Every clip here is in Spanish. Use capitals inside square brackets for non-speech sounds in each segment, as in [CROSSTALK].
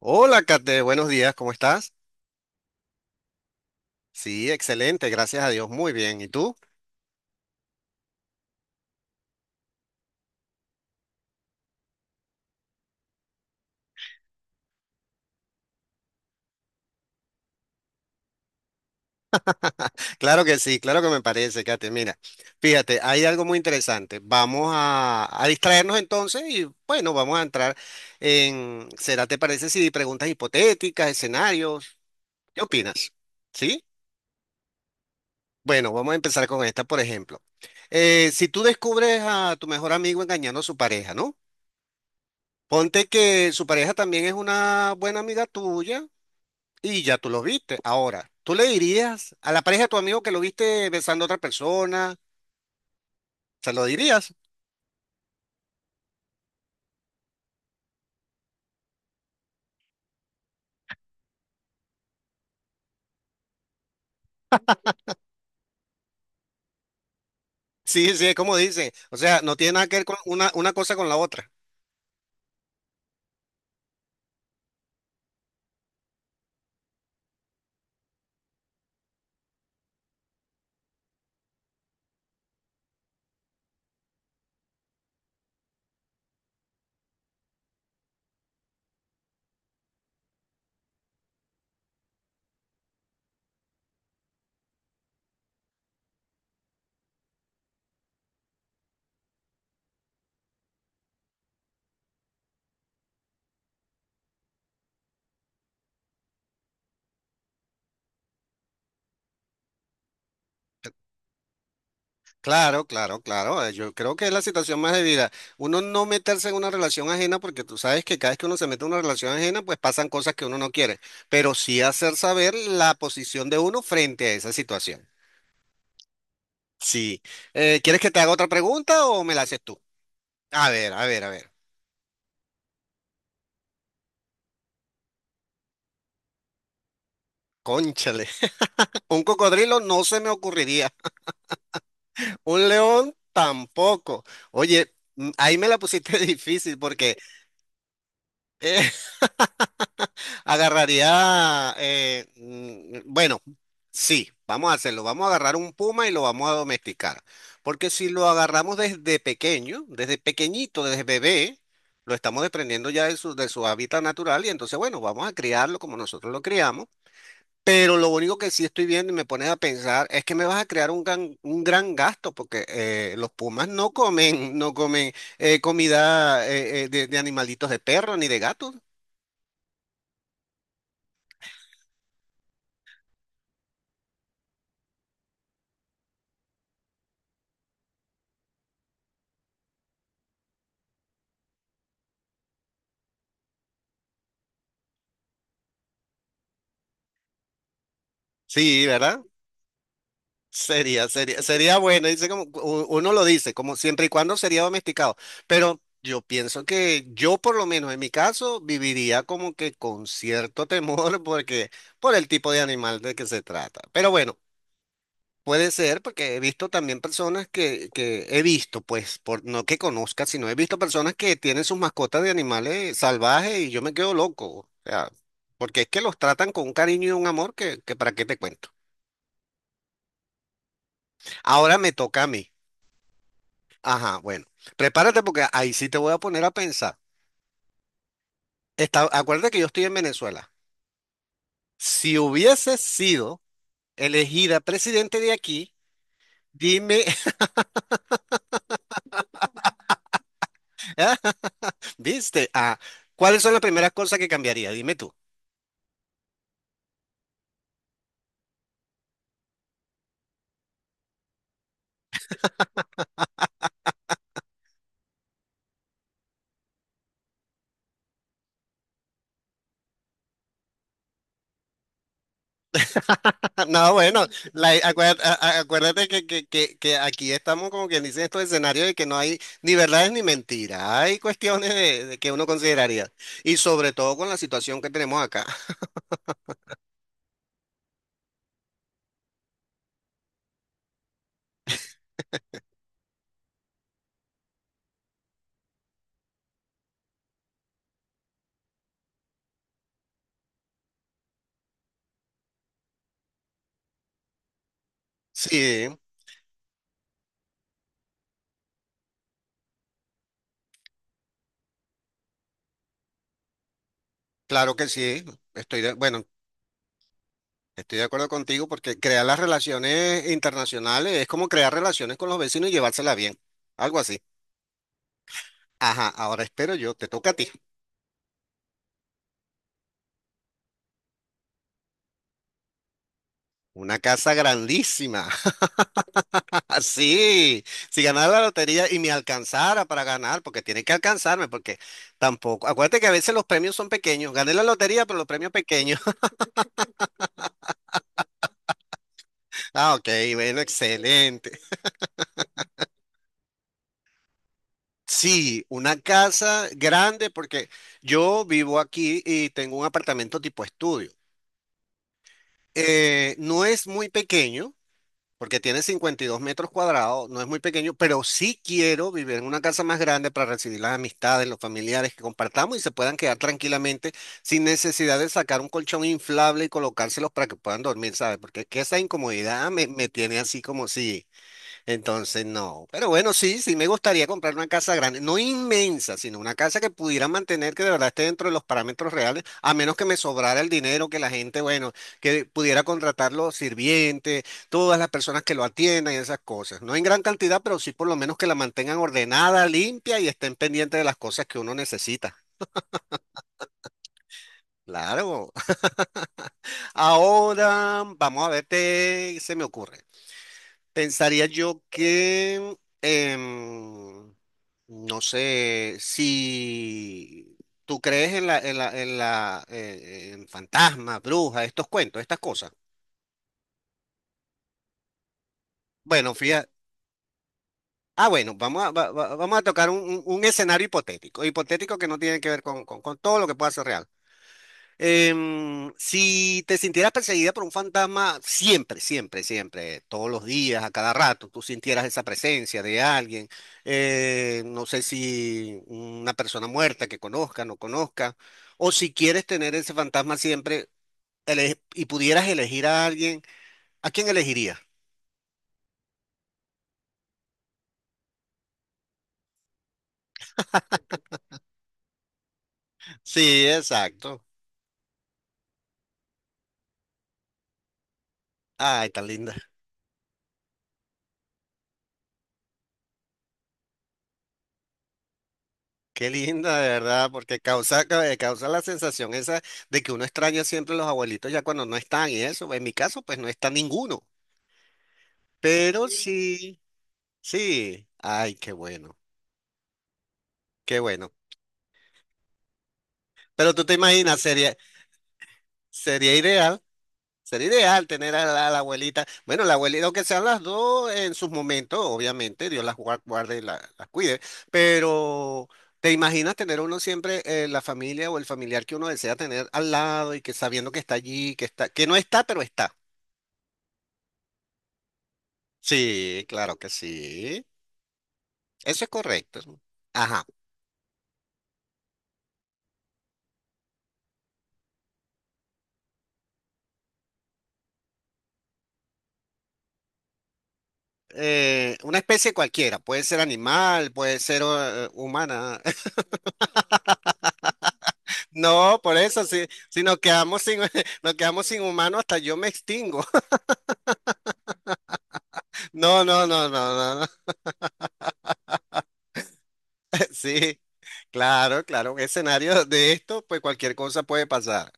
Hola, Kate, buenos días, ¿cómo estás? Sí, excelente, gracias a Dios, muy bien. ¿Y tú? [LAUGHS] Claro que sí, claro que me parece, Kate. Mira, fíjate, hay algo muy interesante. Vamos a distraernos entonces y bueno, vamos a entrar en, ¿será te parece si preguntas hipotéticas, escenarios? ¿Qué opinas? ¿Sí? Bueno, vamos a empezar con esta, por ejemplo. Si tú descubres a tu mejor amigo engañando a su pareja, ¿no? Ponte que su pareja también es una buena amiga tuya. Y ya tú lo viste. Ahora, ¿tú le dirías a la pareja de tu amigo que lo viste besando a otra persona? ¿Se lo dirías? [LAUGHS] Sí, es como dice. O sea, no tiene nada que ver con una cosa con la otra. Claro, claro, claro. Yo creo que es la situación más debida. Uno no meterse en una relación ajena porque tú sabes que cada vez que uno se mete en una relación ajena, pues pasan cosas que uno no quiere. Pero sí hacer saber la posición de uno frente a esa situación. Sí. ¿Quieres que te haga otra pregunta o me la haces tú? A ver, a ver, a ver. Cónchale. Un cocodrilo no se me ocurriría. Un león tampoco. Oye, ahí me la pusiste [LAUGHS] difícil porque eh, [LAUGHS] agarraría, bueno, sí, vamos a hacerlo. Vamos a agarrar un puma y lo vamos a domesticar. Porque si lo agarramos desde pequeño, desde pequeñito, desde bebé, lo estamos desprendiendo ya de su hábitat natural y entonces, bueno, vamos a criarlo como nosotros lo criamos. Pero lo único que sí estoy viendo y me pones a pensar es que me vas a crear un gran gasto porque los pumas no comen, no comen comida de animalitos de perro ni de gatos. Sí, ¿verdad? Sería, sería, sería bueno. Dice como uno lo dice, como siempre y cuando sería domesticado. Pero yo pienso que yo por lo menos en mi caso viviría como que con cierto temor [LAUGHS] porque por el tipo de animal de que se trata. Pero bueno. Puede ser, porque he visto también personas que he visto, pues, por, no que conozca, sino he visto personas que tienen sus mascotas de animales salvajes y yo me quedo loco. O sea, porque es que los tratan con un cariño y un amor que para qué te cuento. Ahora me toca a mí. Ajá, bueno, prepárate porque ahí sí te voy a poner a pensar. Está, acuérdate que yo estoy en Venezuela. Si hubiese sido elegida presidente de aquí, dime, [LAUGHS] ¿viste? Ah, ¿cuáles son las primeras cosas que cambiaría? Dime tú. [LAUGHS] No, bueno, acuérdate, acuérdate que, que aquí estamos como quien dice en estos escenarios de que no hay ni verdades ni mentiras, hay cuestiones de que uno consideraría y sobre todo con la situación que tenemos acá. [LAUGHS] Sí, claro que sí, estoy de, bueno, estoy de acuerdo contigo porque crear las relaciones internacionales es como crear relaciones con los vecinos y llevárselas bien, algo así. Ajá, ahora espero yo, te toca a ti. Una casa grandísima. Así, si ganara la lotería y me alcanzara para ganar, porque tiene que alcanzarme, porque tampoco. Acuérdate que a veces los premios son pequeños. Gané la lotería, pero los premios pequeños. [LAUGHS] Ah, ok, bueno, excelente. Sí, una casa grande, porque yo vivo aquí y tengo un apartamento tipo estudio. No es muy pequeño. Porque tiene 52 metros cuadrados, no es muy pequeño, pero sí quiero vivir en una casa más grande para recibir las amistades, los familiares que compartamos y se puedan quedar tranquilamente sin necesidad de sacar un colchón inflable y colocárselos para que puedan dormir, ¿sabes? Porque es que esa incomodidad me, me tiene así como si... Entonces, no. Pero bueno, sí, sí, me gustaría comprar una casa grande, no inmensa, sino una casa que pudiera mantener, que de verdad esté dentro de los parámetros reales, a menos que me sobrara el dinero, que la gente, bueno, que pudiera contratar los sirvientes, todas las personas que lo atiendan y esas cosas. No en gran cantidad, pero sí por lo menos que la mantengan ordenada, limpia y estén pendientes de las cosas que uno necesita. Claro. [LAUGHS] Ahora, vamos a ver, qué se me ocurre. Pensaría yo que, em, no sé, si tú crees en fantasmas, brujas, estos cuentos, estas cosas. Bueno, fíjate. Ah, bueno, vamos a tocar un, un escenario hipotético, hipotético que no tiene que ver con todo lo que pueda ser real. Si te sintieras perseguida por un fantasma siempre, siempre, siempre, todos los días, a cada rato, tú sintieras esa presencia de alguien, no sé si una persona muerta que conozca, no conozca, o si quieres tener ese fantasma siempre y pudieras elegir a alguien, ¿a quién elegirías? [LAUGHS] Sí, exacto. Ay, tan linda. Qué linda, de verdad, porque causa la sensación esa de que uno extraña siempre a los abuelitos ya cuando no están y eso. En mi caso, pues no está ninguno. Pero sí, sí. Ay, qué bueno, qué bueno. Pero tú te imaginas, sería, sería ideal. Sería ideal tener a la abuelita. Bueno, la abuelita, aunque sean las dos en sus momentos, obviamente, Dios las guarde y las cuide, pero ¿te imaginas tener uno siempre la familia o el familiar que uno desea tener al lado y que sabiendo que está allí, que está, que no está, pero está? Sí, claro que sí. Eso es correcto. Ajá. Una especie cualquiera, puede ser animal, puede ser humana. [LAUGHS] No, por eso, sí, si nos quedamos sin, [LAUGHS] nos quedamos sin humano, hasta yo me extingo. No, no, no, no, no. No. [LAUGHS] Sí, claro, claro. Un escenario de esto, pues cualquier cosa puede pasar.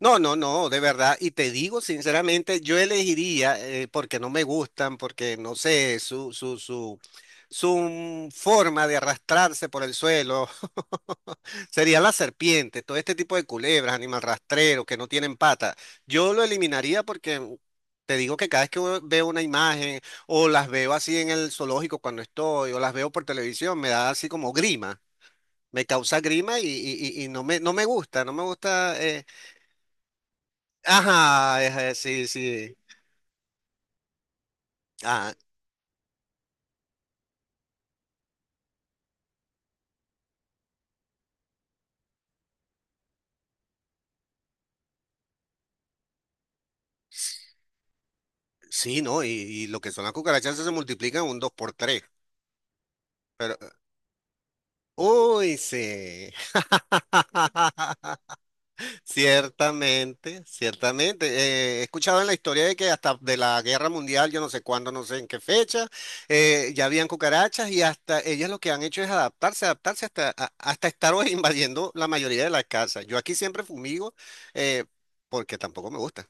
No, no, no, de verdad. Y te digo sinceramente, yo elegiría, porque no me gustan, porque no sé, su forma de arrastrarse por el suelo, sería la serpiente, todo este tipo de culebras, animal rastrero, que no tienen patas. Yo lo eliminaría porque te digo que cada vez que veo una imagen o las veo así en el zoológico cuando estoy o las veo por televisión, me da así como grima. Me causa grima y, y no me, no me gusta, no me gusta. Ajá, sí, sí. Ah, sí, no, y lo que son las cucarachas se multiplican un 2 por tres. Pero, uy, sí. [LAUGHS] Ciertamente, ciertamente. He escuchado en la historia de que hasta de la Guerra Mundial, yo no sé cuándo, no sé en qué fecha, ya habían cucarachas y hasta ellas lo que han hecho es adaptarse, adaptarse hasta, hasta estar [LAUGHS] hoy invadiendo la mayoría de las casas. Yo aquí siempre fumigo eh, porque tampoco me gusta.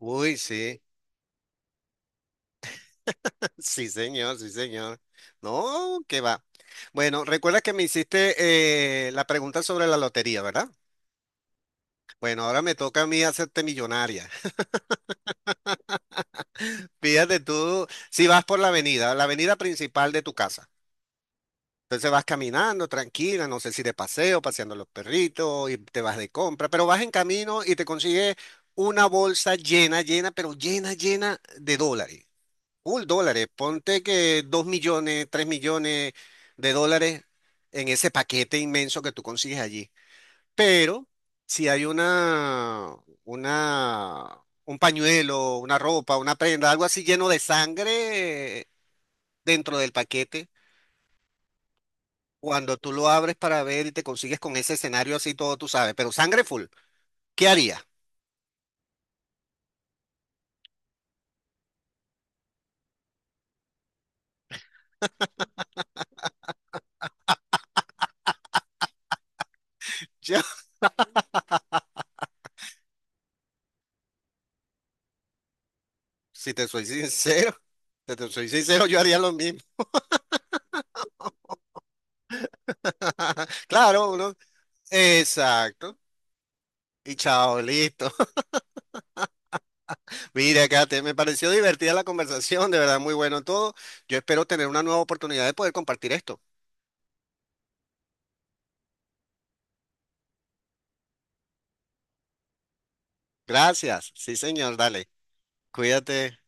Uy, sí, [LAUGHS] sí señor, sí señor. No, que va. Bueno, recuerda que me hiciste la pregunta sobre la lotería, ¿verdad? Bueno, ahora me toca a mí hacerte millonaria. Fíjate tú, si vas por la avenida principal de tu casa. Entonces vas caminando tranquila, no sé si de paseo, paseando los perritos y te vas de compra, pero vas en camino y te consigues una bolsa llena, llena, pero llena, llena de dólares. Full dólares. Ponte que 2 millones, 3 millones de dólares en ese paquete inmenso que tú consigues allí. Pero si hay una, un pañuelo, una ropa, una prenda, algo así lleno de sangre dentro del paquete, cuando tú lo abres para ver y te consigues con ese escenario así todo, tú sabes, pero sangre full, ¿qué harías? [LAUGHS] Yo, si te soy sincero, si te soy sincero, yo haría lo mismo. [LAUGHS] Claro, uno. Exacto. Y chao, listo. [LAUGHS] Mira, Kate, me pareció divertida la conversación, de verdad, muy bueno todo. Yo espero tener una nueva oportunidad de poder compartir esto. Gracias. Sí, señor, dale. Cuídate.